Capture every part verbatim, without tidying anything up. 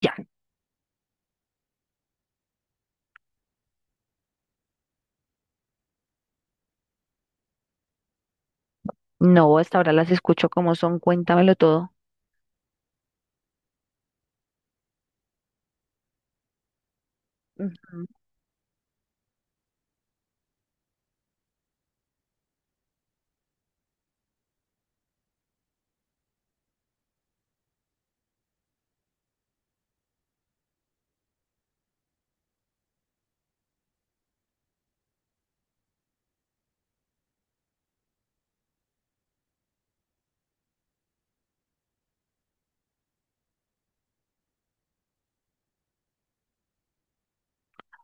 Ya, no, hasta ahora las escucho como son, cuéntamelo todo. Ujú.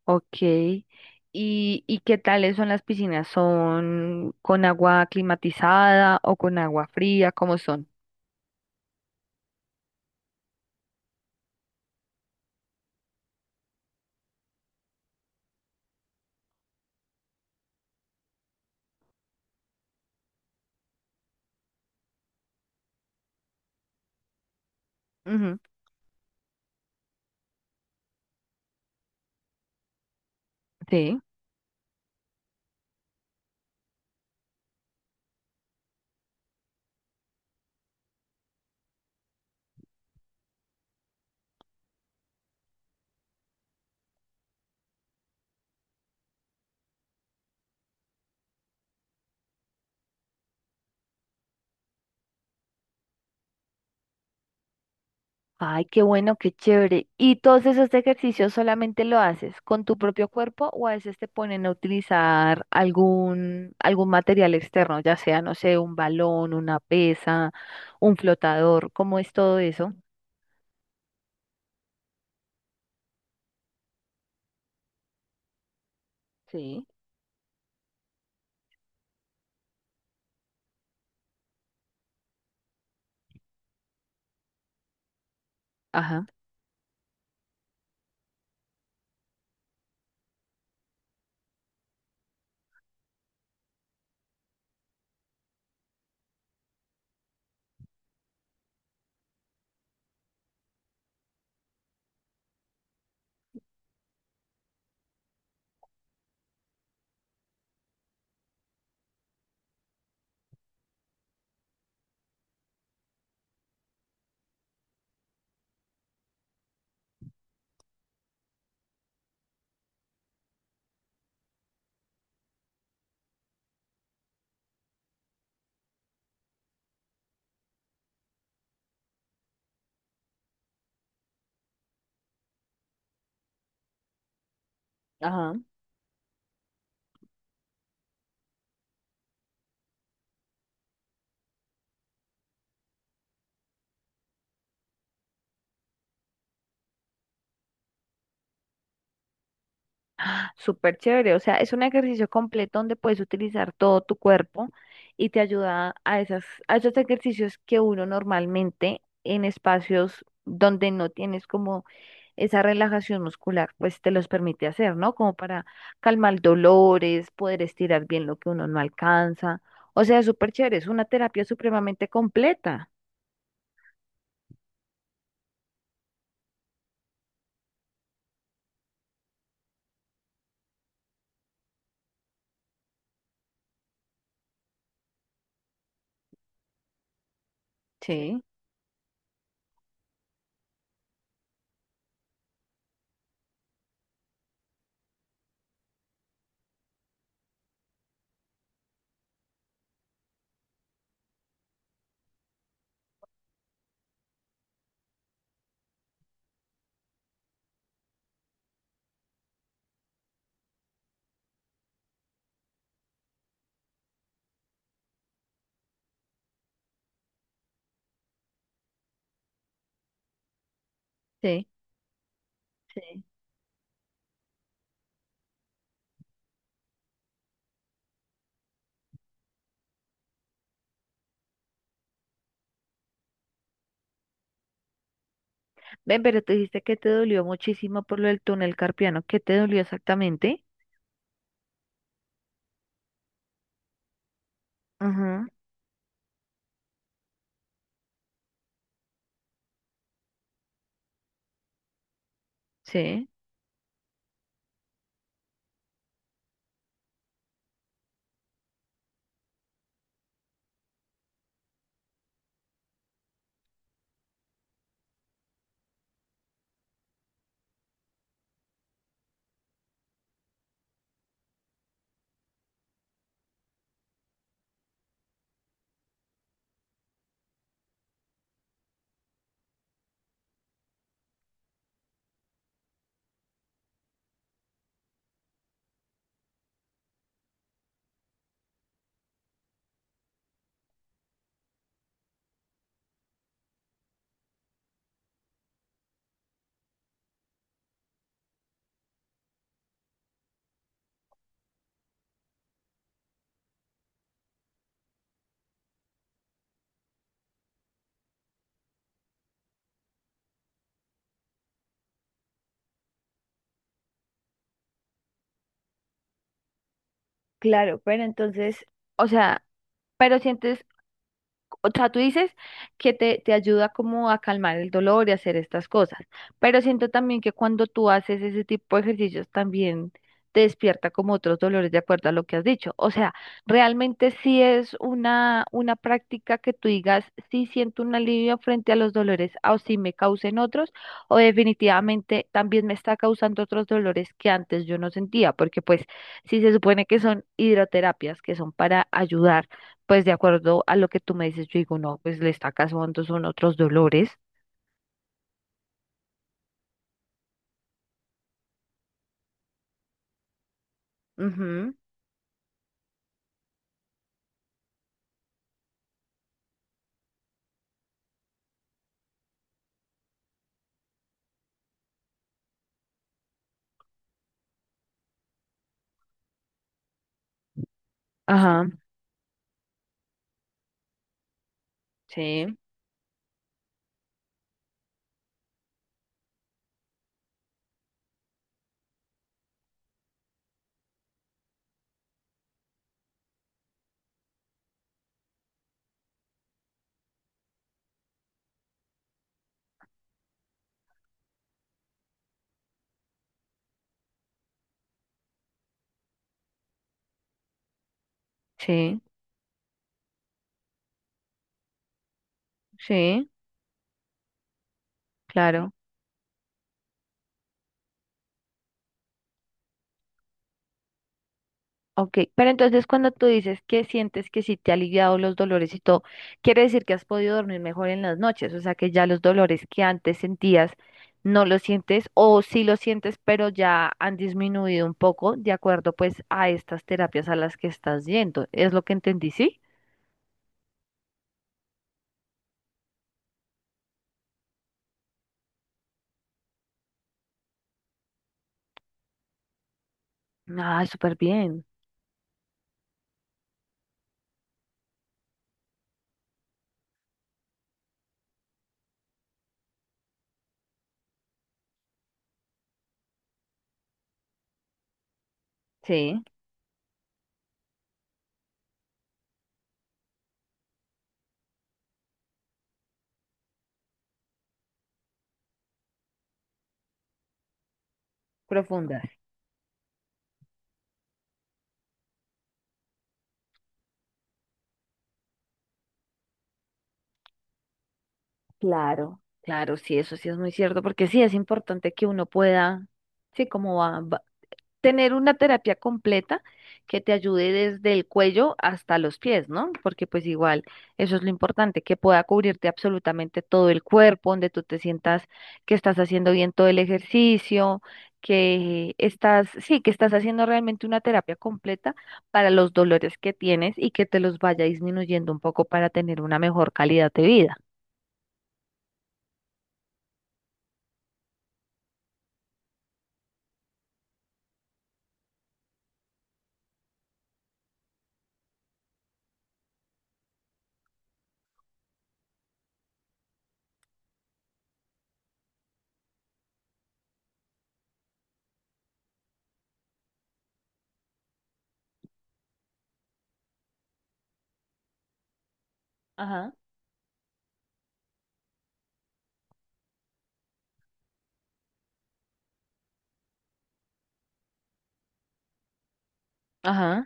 Ok. ¿Y, y qué tales son las piscinas? ¿Son con agua climatizada o con agua fría? ¿Cómo son? Ujú. Sí. Ay, qué bueno, qué chévere. ¿Y todos esos ejercicios solamente lo haces con tu propio cuerpo o a veces te ponen a utilizar algún, algún material externo, ya sea, no sé, un balón, una pesa, un flotador? ¿Cómo es todo eso? Sí. Ajá. Súper chévere, o sea, es un ejercicio completo donde puedes utilizar todo tu cuerpo y te ayuda a esas, a esos ejercicios que uno normalmente en espacios donde no tienes como esa relajación muscular, pues te los permite hacer, ¿no? Como para calmar dolores, poder estirar bien lo que uno no alcanza. O sea, súper chévere, es una terapia supremamente completa. Sí, sí, sí. Ven, pero te dijiste que te dolió muchísimo por lo del túnel carpiano. ¿Qué te dolió exactamente? Ajá. Sí. Claro, pero entonces, o sea, pero sientes, o sea, tú dices que te, te ayuda como a calmar el dolor y hacer estas cosas, pero siento también que cuando tú haces ese tipo de ejercicios también te despierta como otros dolores de acuerdo a lo que has dicho. O sea, realmente sí es una, una práctica que tú digas, sí siento un alivio frente a los dolores o sí me causen otros, o definitivamente también me está causando otros dolores que antes yo no sentía, porque pues sí se supone que son hidroterapias, que son para ayudar pues de acuerdo a lo que tú me dices, yo digo, no, pues le está causando son otros dolores. Ujú. Ajá. Sí. Sí, sí, claro. Ok, pero entonces cuando tú dices que sientes que sí te ha aliviado los dolores y todo, quiere decir que has podido dormir mejor en las noches, o sea que ya los dolores que antes sentías no los sientes o sí los sientes, pero ya han disminuido un poco de acuerdo pues a estas terapias a las que estás yendo. ¿Es lo que entendí, sí? Ah, súper bien. Sí, profundas. Claro, claro, sí, eso sí es muy cierto, porque sí es importante que uno pueda, sí, como va- va- tener una terapia completa que te ayude desde el cuello hasta los pies, ¿no? Porque pues igual, eso es lo importante, que pueda cubrirte absolutamente todo el cuerpo, donde tú te sientas que estás haciendo bien todo el ejercicio, que estás, sí, que estás haciendo realmente una terapia completa para los dolores que tienes y que te los vaya disminuyendo un poco para tener una mejor calidad de vida. Ajá. Ajá,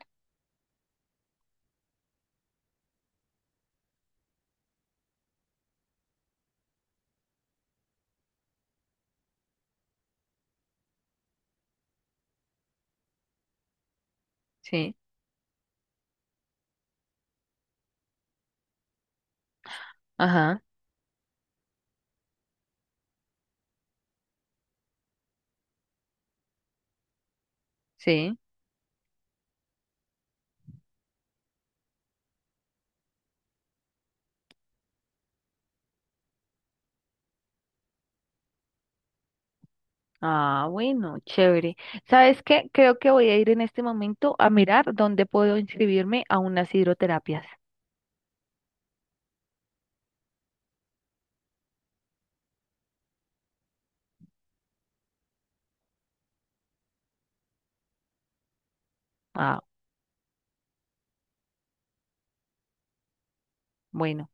sí, ajá, sí. Ah, bueno, chévere. ¿Sabes qué? Creo que voy a ir en este momento a mirar dónde puedo inscribirme a unas hidroterapias. Ah, bueno.